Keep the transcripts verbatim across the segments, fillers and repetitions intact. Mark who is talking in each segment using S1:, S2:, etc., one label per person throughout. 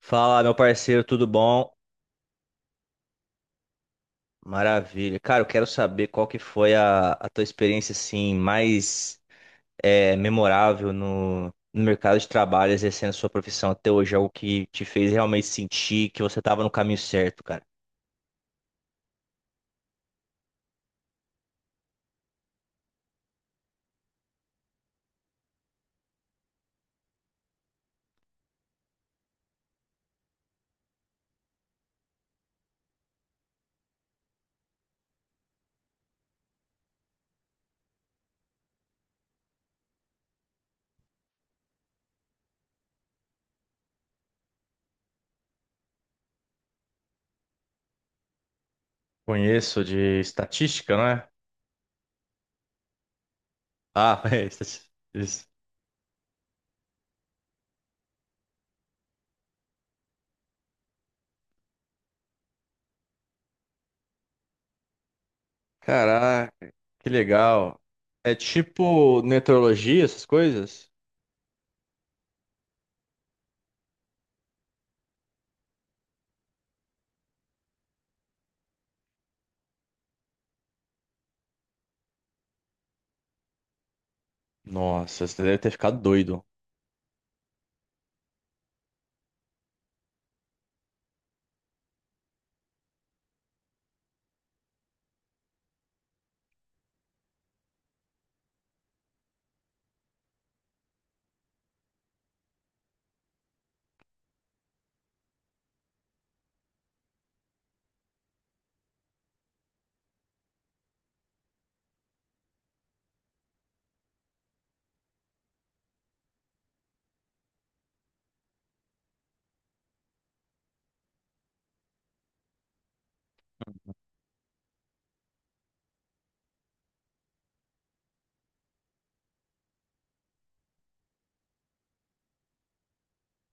S1: Fala, meu parceiro, tudo bom? Maravilha. Cara, eu quero saber qual que foi a, a tua experiência, assim, mais é, memorável no, no mercado de trabalho, exercendo sua profissão até hoje, algo que te fez realmente sentir que você estava no caminho certo, cara. Conheço de estatística, não é? Ah, é isso. Isso. Caraca, que legal. É tipo meteorologia, essas coisas? Nossa, você deve ter ficado doido.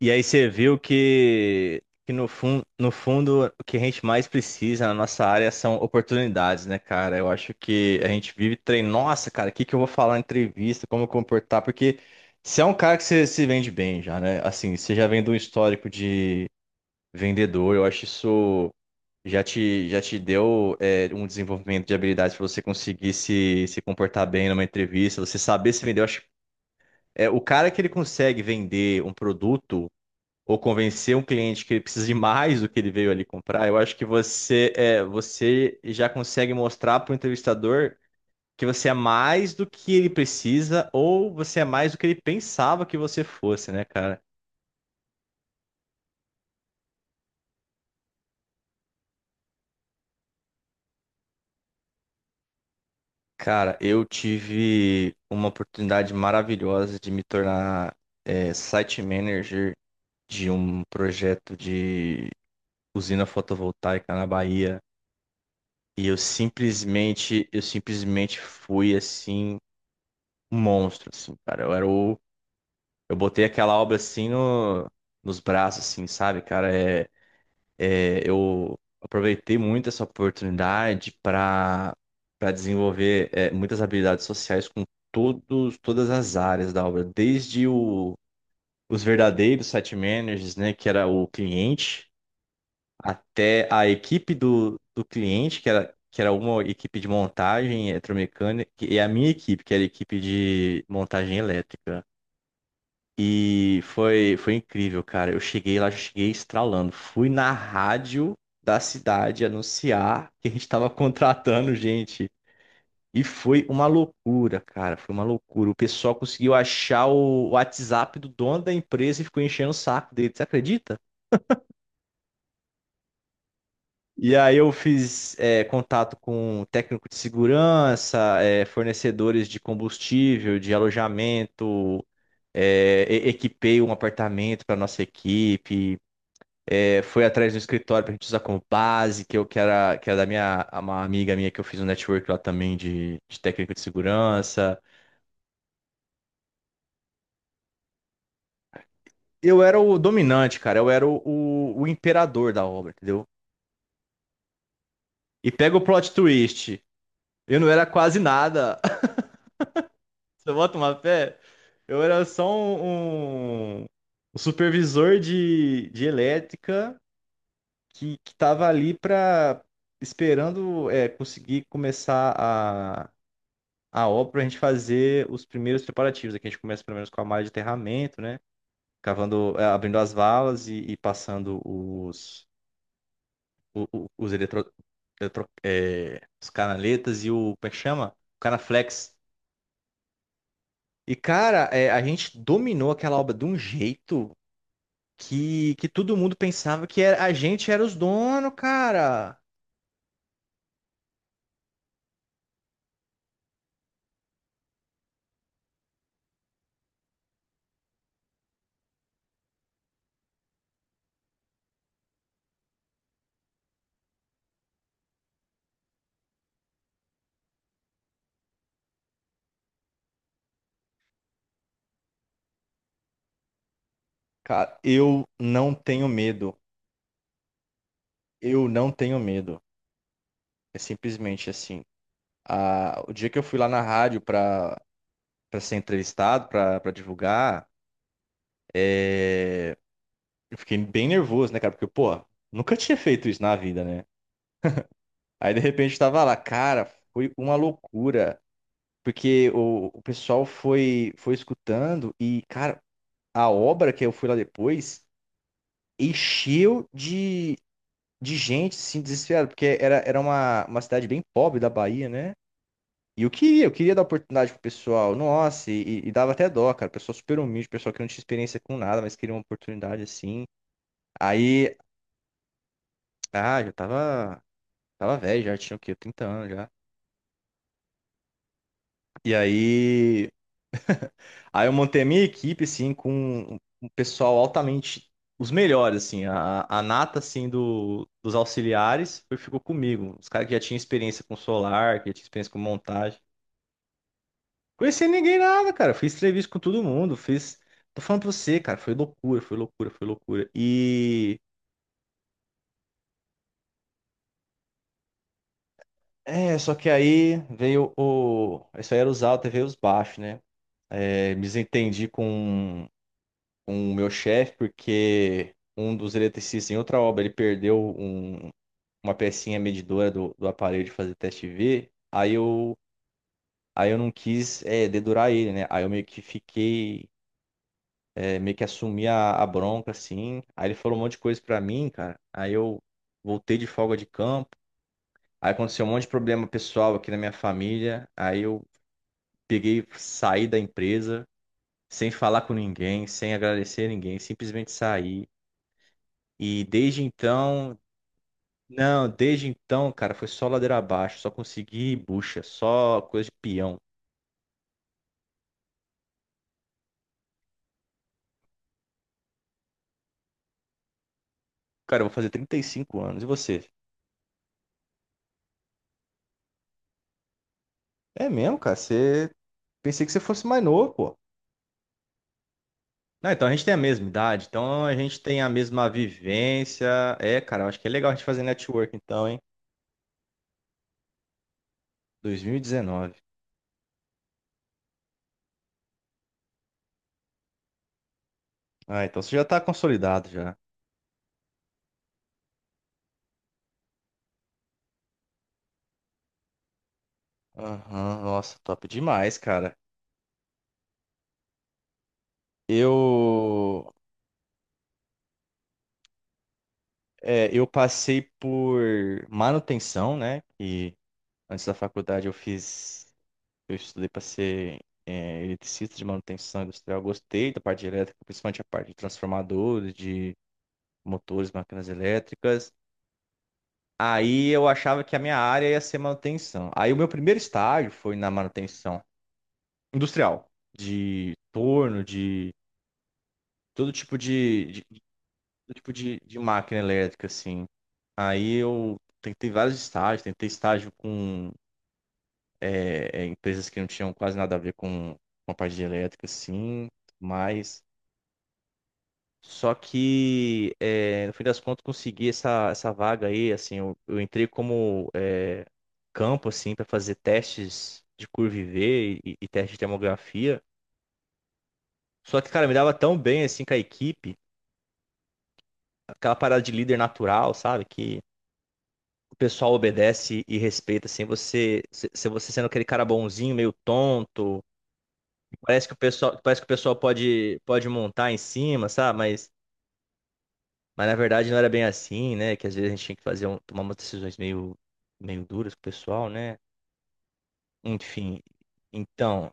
S1: E aí você viu que, que no fundo no fundo, o que a gente mais precisa na nossa área são oportunidades, né, cara? Eu acho que a gente vive treinando. Nossa, cara, o que que eu vou falar na entrevista? Como eu comportar? Porque você é um cara que você se vende bem já, né? Assim, você já vem de um histórico de vendedor. Eu acho isso já te, já te deu é, um desenvolvimento de habilidades para você conseguir se, se comportar bem numa entrevista, você saber se vender. Eu acho, é, o cara que ele consegue vender um produto ou convencer um cliente que ele precisa de mais do que ele veio ali comprar, eu acho que você é, você já consegue mostrar para o entrevistador que você é mais do que ele precisa ou você é mais do que ele pensava que você fosse, né, cara? Cara, eu tive uma oportunidade maravilhosa de me tornar é, site manager de um projeto de usina fotovoltaica na Bahia. E eu simplesmente, eu simplesmente fui assim um monstro, assim, cara. Eu era o. Eu botei aquela obra assim no, nos braços, assim, sabe, cara? É, é, eu aproveitei muito essa oportunidade para para desenvolver é, muitas habilidades sociais com todos, todas as áreas da obra, desde o, os verdadeiros site managers, né, que era o cliente, até a equipe do, do cliente, que era. Que era uma equipe de montagem eletromecânica, e a minha equipe, que era a equipe de montagem elétrica. E foi, foi incrível, cara. Eu cheguei lá, cheguei estralando. Fui na rádio da cidade anunciar que a gente estava contratando gente. E foi uma loucura, cara. Foi uma loucura. O pessoal conseguiu achar o WhatsApp do dono da empresa e ficou enchendo o saco dele. Você acredita? E aí eu fiz é, contato com técnico de segurança, é, fornecedores de combustível, de alojamento, é, e- equipei um apartamento para nossa equipe. É, foi atrás do escritório pra gente usar como base, que eu que era, que era da minha uma amiga minha que eu fiz um network lá também de, de técnico de segurança. Eu era o dominante, cara. Eu era o, o, o imperador da obra, entendeu? E pega o plot twist. Eu não era quase nada. Você bota uma fé? Eu era só um, um, um supervisor de, de elétrica que, que tava ali pra esperando é, conseguir começar a a obra para a gente fazer os primeiros preparativos. Aqui a gente começa pelo menos com a malha de aterramento, né? Cavando, eh, abrindo as valas e, e passando os, o- o- os, eletro, eletro- eh, os canaletas e o, como é que chama? O canaflex. E, cara, eh, a gente dominou aquela obra de um jeito que, que todo mundo pensava que era- a gente era os donos, cara. Cara, eu não tenho medo. Eu não tenho medo. É simplesmente assim. Ah, o dia que eu fui lá na rádio pra para ser entrevistado, para para divulgar, é, eu fiquei bem nervoso, né, cara? Porque, pô, nunca tinha feito isso na vida, né? Aí, de repente, eu tava lá, cara, foi uma loucura. Porque o, o pessoal foi, foi escutando e, cara, a obra que eu fui lá depois encheu de, de gente, assim, desesperada. Porque era, era uma, uma cidade bem pobre da Bahia, né? E eu queria, eu queria dar oportunidade pro pessoal. Nossa, e, e- dava até dó, cara. Pessoal super humilde, pessoal que não tinha experiência com nada, mas queria uma oportunidade assim. Aí, ah, já tava, tava velho, já tinha o quê? Trinta anos já. E aí, aí eu montei a minha equipe, assim, com um pessoal altamente, os melhores, assim. A, a nata, assim, do, dos auxiliares foi, ficou comigo. Os caras que já tinham experiência com solar, que já tinham experiência com montagem. Conheci ninguém nada, cara. Fiz entrevista com todo mundo, fiz. Tô falando pra você, cara, foi loucura, foi loucura, foi loucura. E. É, só que aí veio o. Isso aí era os altos e veio os baixos, né? É, me desentendi com, com o meu chefe, porque um dos eletricistas em outra obra ele perdeu um- uma pecinha medidora do, do aparelho de fazer teste V. Aí eu, aí eu não quis, é, dedurar ele, né? Aí eu meio que fiquei é, meio que assumi a, a bronca, assim. Aí ele falou um monte de coisa pra mim, cara. Aí eu voltei de folga de campo. Aí aconteceu um monte de problema pessoal aqui na minha família. Aí eu peguei, saí da empresa, sem falar com ninguém, sem agradecer a ninguém, simplesmente saí. E desde então, não, desde então, cara, foi só ladeira abaixo, só consegui bucha, só coisa de peão. Cara, eu vou fazer trinta e cinco anos. E você? É mesmo, cara? Você. Pensei que você fosse mais novo, pô. Não, então a gente tem a mesma idade, então a gente tem a mesma vivência. É, cara, eu acho que é legal a gente fazer network então, hein? dois mil e dezenove. Ah, então você já tá consolidado já. Aham, nossa, top demais, cara. Eu, é, eu passei por manutenção, né? E antes da faculdade eu fiz, eu estudei para ser é, eletricista de manutenção industrial. Gostei da parte de elétrica, principalmente a parte de transformadores, de motores, máquinas elétricas. Aí eu achava que a minha área ia ser manutenção. Aí o meu primeiro estágio foi na manutenção industrial, de torno, de todo tipo de, de- de- todo tipo de, de máquina elétrica, assim. Aí eu tentei vários estágios, tentei estágio com é, é, empresas que não tinham quase nada a ver com, com a parte de elétrica, assim, mas só que, eh, no fim das contas, consegui essa, essa vaga aí, assim, eu, eu entrei como eh, campo, assim, para fazer testes de curva I V e, e teste de termografia. Só que, cara, me dava tão bem, assim, com a equipe, aquela parada de líder natural, sabe? Que o pessoal obedece e respeita, assim, você, se se você sendo aquele cara bonzinho, meio tonto, parece que o pessoal, parece que o pessoal pode, pode montar em cima, sabe? Mas Mas na verdade não era bem assim, né? Que às vezes a gente tinha que fazer um- tomar umas decisões meio, meio duras com o pessoal, né? Enfim. Então,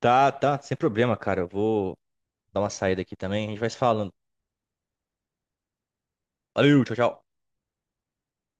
S1: tá, tá, sem problema, cara. Eu vou dar uma saída aqui também. A gente vai se falando. Valeu, tchau, tchau.